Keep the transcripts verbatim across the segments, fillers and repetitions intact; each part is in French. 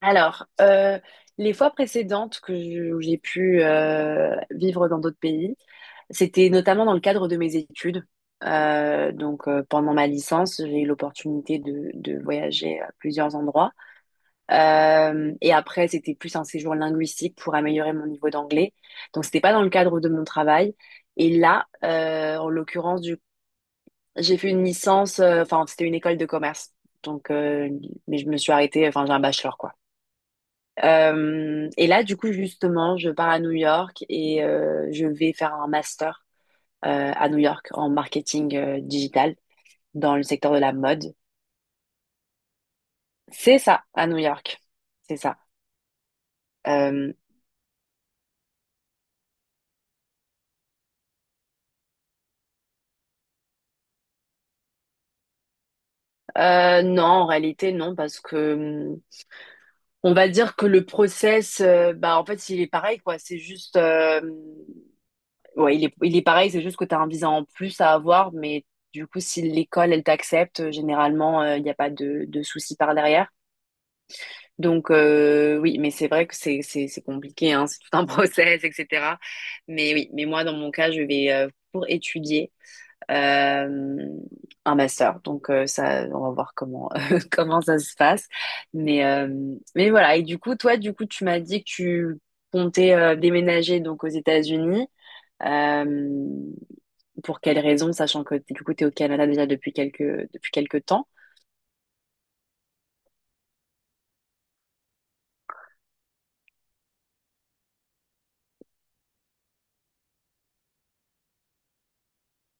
Alors, euh, les fois précédentes que je- où j'ai pu euh, vivre dans d'autres pays, c'était notamment dans le cadre de mes études. Euh, donc, euh, pendant ma licence, j'ai eu l'opportunité de, de voyager à plusieurs endroits. Euh, et après, c'était plus un séjour linguistique pour améliorer mon niveau d'anglais. Donc, c'était pas dans le cadre de mon travail. Et là, euh, en l'occurrence, du... J'ai fait une licence. euh, Enfin, c'était une école de commerce. Donc, euh, mais je me suis arrêtée. Enfin, j'ai un bachelor, quoi. Euh, et là, du coup, justement, je pars à New York et euh, je vais faire un master euh, à New York en marketing euh, digital dans le secteur de la mode. C'est ça, à New York. C'est ça. Euh, euh, non, en réalité, non, parce que hum, on va dire que le process, euh, bah, en fait, il est pareil, quoi. C'est juste, euh, ouais, il est, il est pareil, c'est juste que tu as un visa en plus à avoir, mais du coup, si l'école, elle t'accepte, généralement, euh, il n'y a pas de, de souci par derrière. Donc euh, oui, mais c'est vrai que c'est c'est c'est compliqué, hein, c'est tout un process, et cetera. Mais oui, mais moi dans mon cas, je vais euh, pour étudier euh, un master. Donc euh, ça, on va voir comment comment ça se passe. Mais euh, mais voilà. Et du coup, toi, du coup, tu m'as dit que tu comptais euh, déménager donc aux États-Unis. Euh, pour quelles raisons, sachant que du coup, t'es au Canada déjà depuis quelques depuis quelques temps.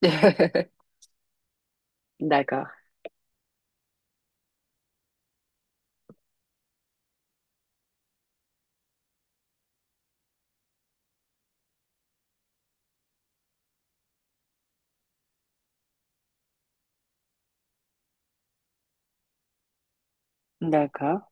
D'accord, d'accord,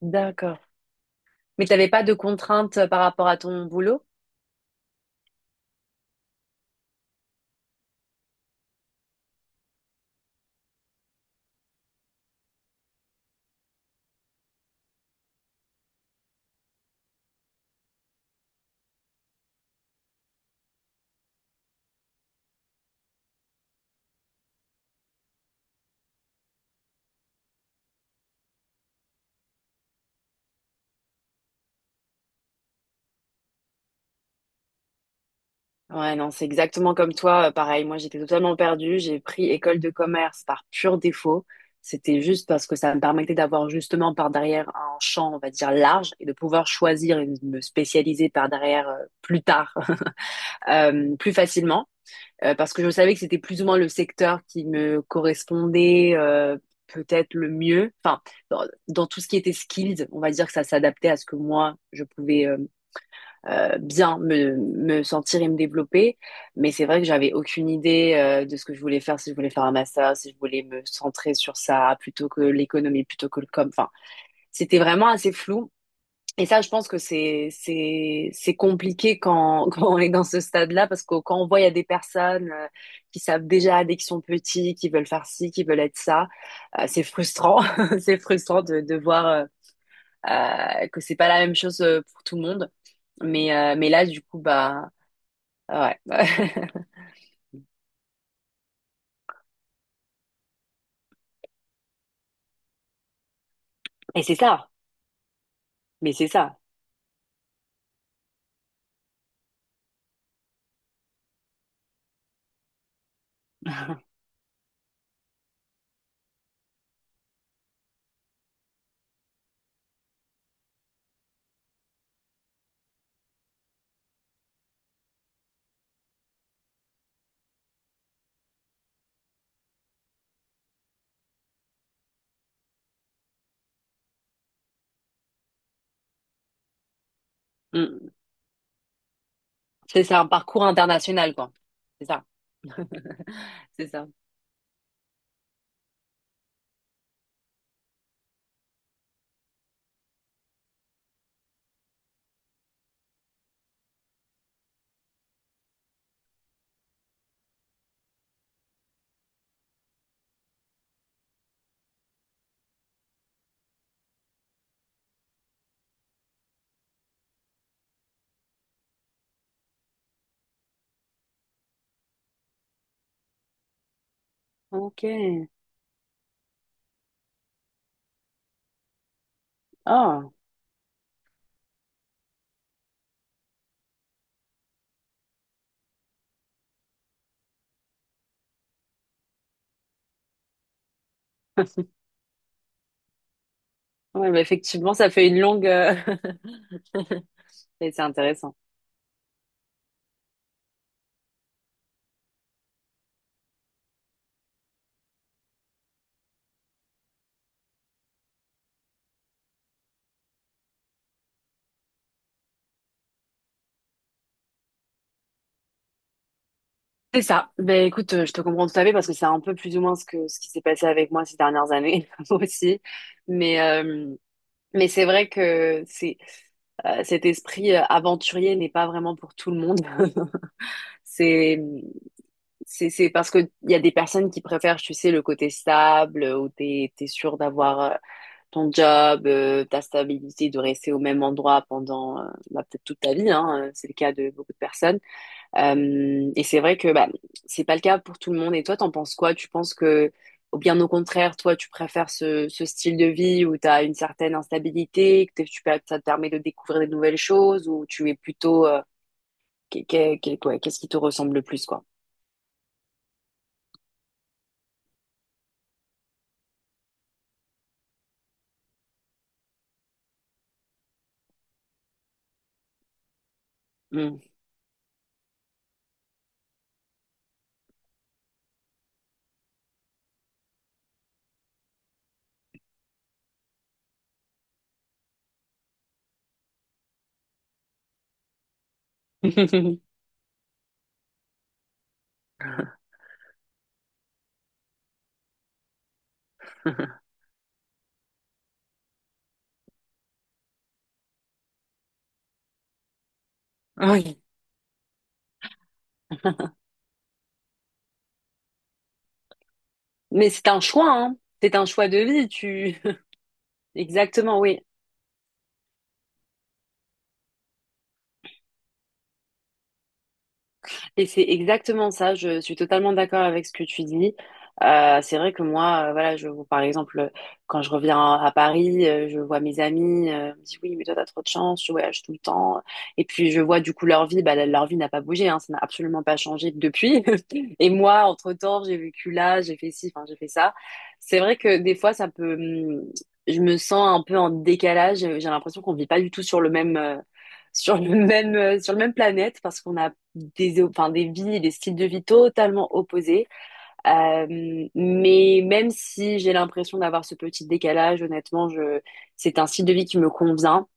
d'accord. Mais t'avais pas de contraintes euh, par rapport à ton boulot? Ouais, non, c'est exactement comme toi. euh, Pareil, moi, j'étais totalement perdue. J'ai pris école de commerce par pur défaut. C'était juste parce que ça me permettait d'avoir justement par derrière un champ, on va dire, large et de pouvoir choisir et me spécialiser par derrière euh, plus tard, euh, plus facilement. Euh, parce que je savais que c'était plus ou moins le secteur qui me correspondait euh, peut-être le mieux. Enfin, dans, dans tout ce qui était skills, on va dire que ça s'adaptait à ce que moi, je pouvais euh, euh, bien me, me sentir et me développer. Mais c'est vrai que j'avais aucune idée euh, de ce que je voulais faire, si je voulais faire un master, si je voulais me centrer sur ça plutôt que l'économie, plutôt que le com. Enfin, c'était vraiment assez flou. Et ça, je pense que c'est c'est c'est compliqué quand quand on est dans ce stade-là parce que quand on voit il y a des personnes euh, qui savent déjà dès qu'ils sont petits, qui veulent faire ci, qui veulent être ça, euh, c'est frustrant. C'est frustrant de de voir euh, euh, que c'est pas la même chose euh, pour tout le monde. Mais euh, mais là, du coup, bah ouais. Et c'est ça. Mais c'est ça. Mm. C'est c'est un parcours international, quoi. C'est ça. C'est ça. Ok. Ah. Ouais, bah effectivement, ça fait une longue. euh, Mais c'est intéressant. C'est ça. Ben écoute, euh, je te comprends tout à fait parce que c'est un peu plus ou moins ce que ce qui s'est passé avec moi ces dernières années moi aussi. Mais euh, mais c'est vrai que c'est euh, cet esprit euh, aventurier n'est pas vraiment pour tout le monde. C'est C'est, c'est parce que il y a des personnes qui préfèrent, tu sais, le côté stable, euh, où t'es, t'es sûr d'avoir euh, ton job, euh, ta stabilité, de rester au même endroit pendant, euh, bah, peut-être toute ta vie, hein, euh, c'est le cas de beaucoup de personnes. Euh, et c'est vrai que, bah, c'est pas le cas pour tout le monde. Et toi, t'en penses quoi? Tu penses que, ou bien au contraire, toi, tu préfères ce, ce style de vie où t'as une certaine instabilité, que t'es- tu, peux- ça te permet de découvrir des nouvelles choses, ou tu es plutôt, euh, Qu'est- qu'est- qu'est- ouais, Qu'est-ce qui te ressemble le plus, quoi? Hmm. Oui. Mais c'est un choix, hein. C'est un choix de vie, tu... Exactement, oui. Et c'est exactement ça, je suis totalement d'accord avec ce que tu dis. Euh, c'est vrai que moi, euh, voilà, je, par exemple, euh, quand je reviens à Paris, euh, je vois mes amis, euh, ils me disent oui, mais toi, t'as trop de chance, tu voyages tout le temps. Et puis, je vois du coup leur vie, bah, leur vie n'a pas bougé, hein, ça n'a absolument pas changé depuis. Et moi, entre-temps, j'ai vécu là, j'ai fait ci, enfin, j'ai fait ça. C'est vrai que des fois, ça peut, hum, je me sens un peu en décalage, j'ai l'impression qu'on vit pas du tout sur le même, euh, sur le même, euh, sur le même planète parce qu'on n'a des, enfin, des vies, des styles de vie totalement opposés. Euh, mais même si j'ai l'impression d'avoir ce petit décalage, honnêtement, je, c'est un style de vie qui me convient.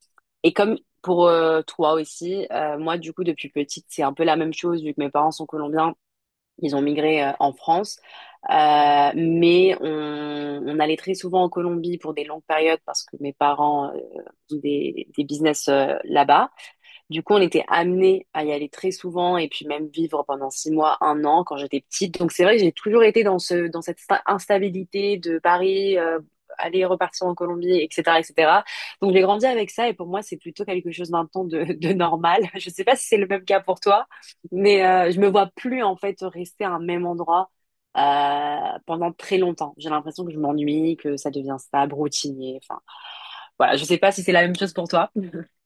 Et comme pour euh, toi aussi, euh, moi, du coup, depuis petite, c'est un peu la même chose, vu que mes parents sont colombiens, ils ont migré euh, en France. Euh, mais on, on allait très souvent en Colombie pour des longues périodes parce que mes parents euh, ont des, des business euh, là-bas. Du coup, on était amené à y aller très souvent et puis même vivre pendant six mois, un an quand j'étais petite. Donc c'est vrai que j'ai toujours été dans ce, dans cette sta- instabilité de Paris, euh, aller repartir en Colombie, et cetera, et cetera. Donc j'ai grandi avec ça et pour moi c'est plutôt quelque chose maintenant de, de normal. Je sais pas si c'est le même cas pour toi, mais euh, je me vois plus en fait rester à un même endroit euh, pendant très longtemps. J'ai l'impression que je m'ennuie, que ça devient stable, routinier. Enfin voilà, je sais pas si c'est la même chose pour toi.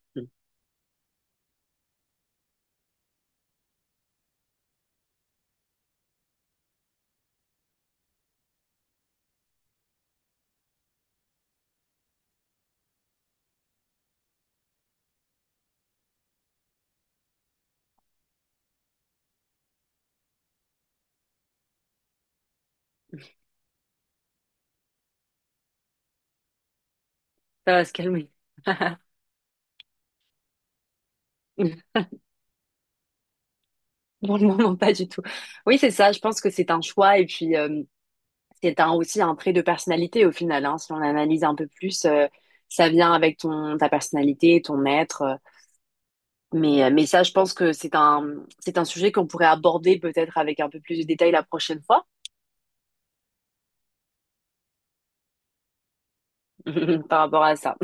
Ça va se calmer. Pour le moment, pas du tout. Oui, c'est ça. Je pense que c'est un choix et puis euh, c'est un, aussi un trait de personnalité au final, hein. Si on analyse un peu plus, euh, ça vient avec ton ta personnalité, ton être. euh. Mais euh, mais ça, je pense que c'est un c'est un sujet qu'on pourrait aborder peut-être avec un peu plus de détails la prochaine fois par rapport à ça.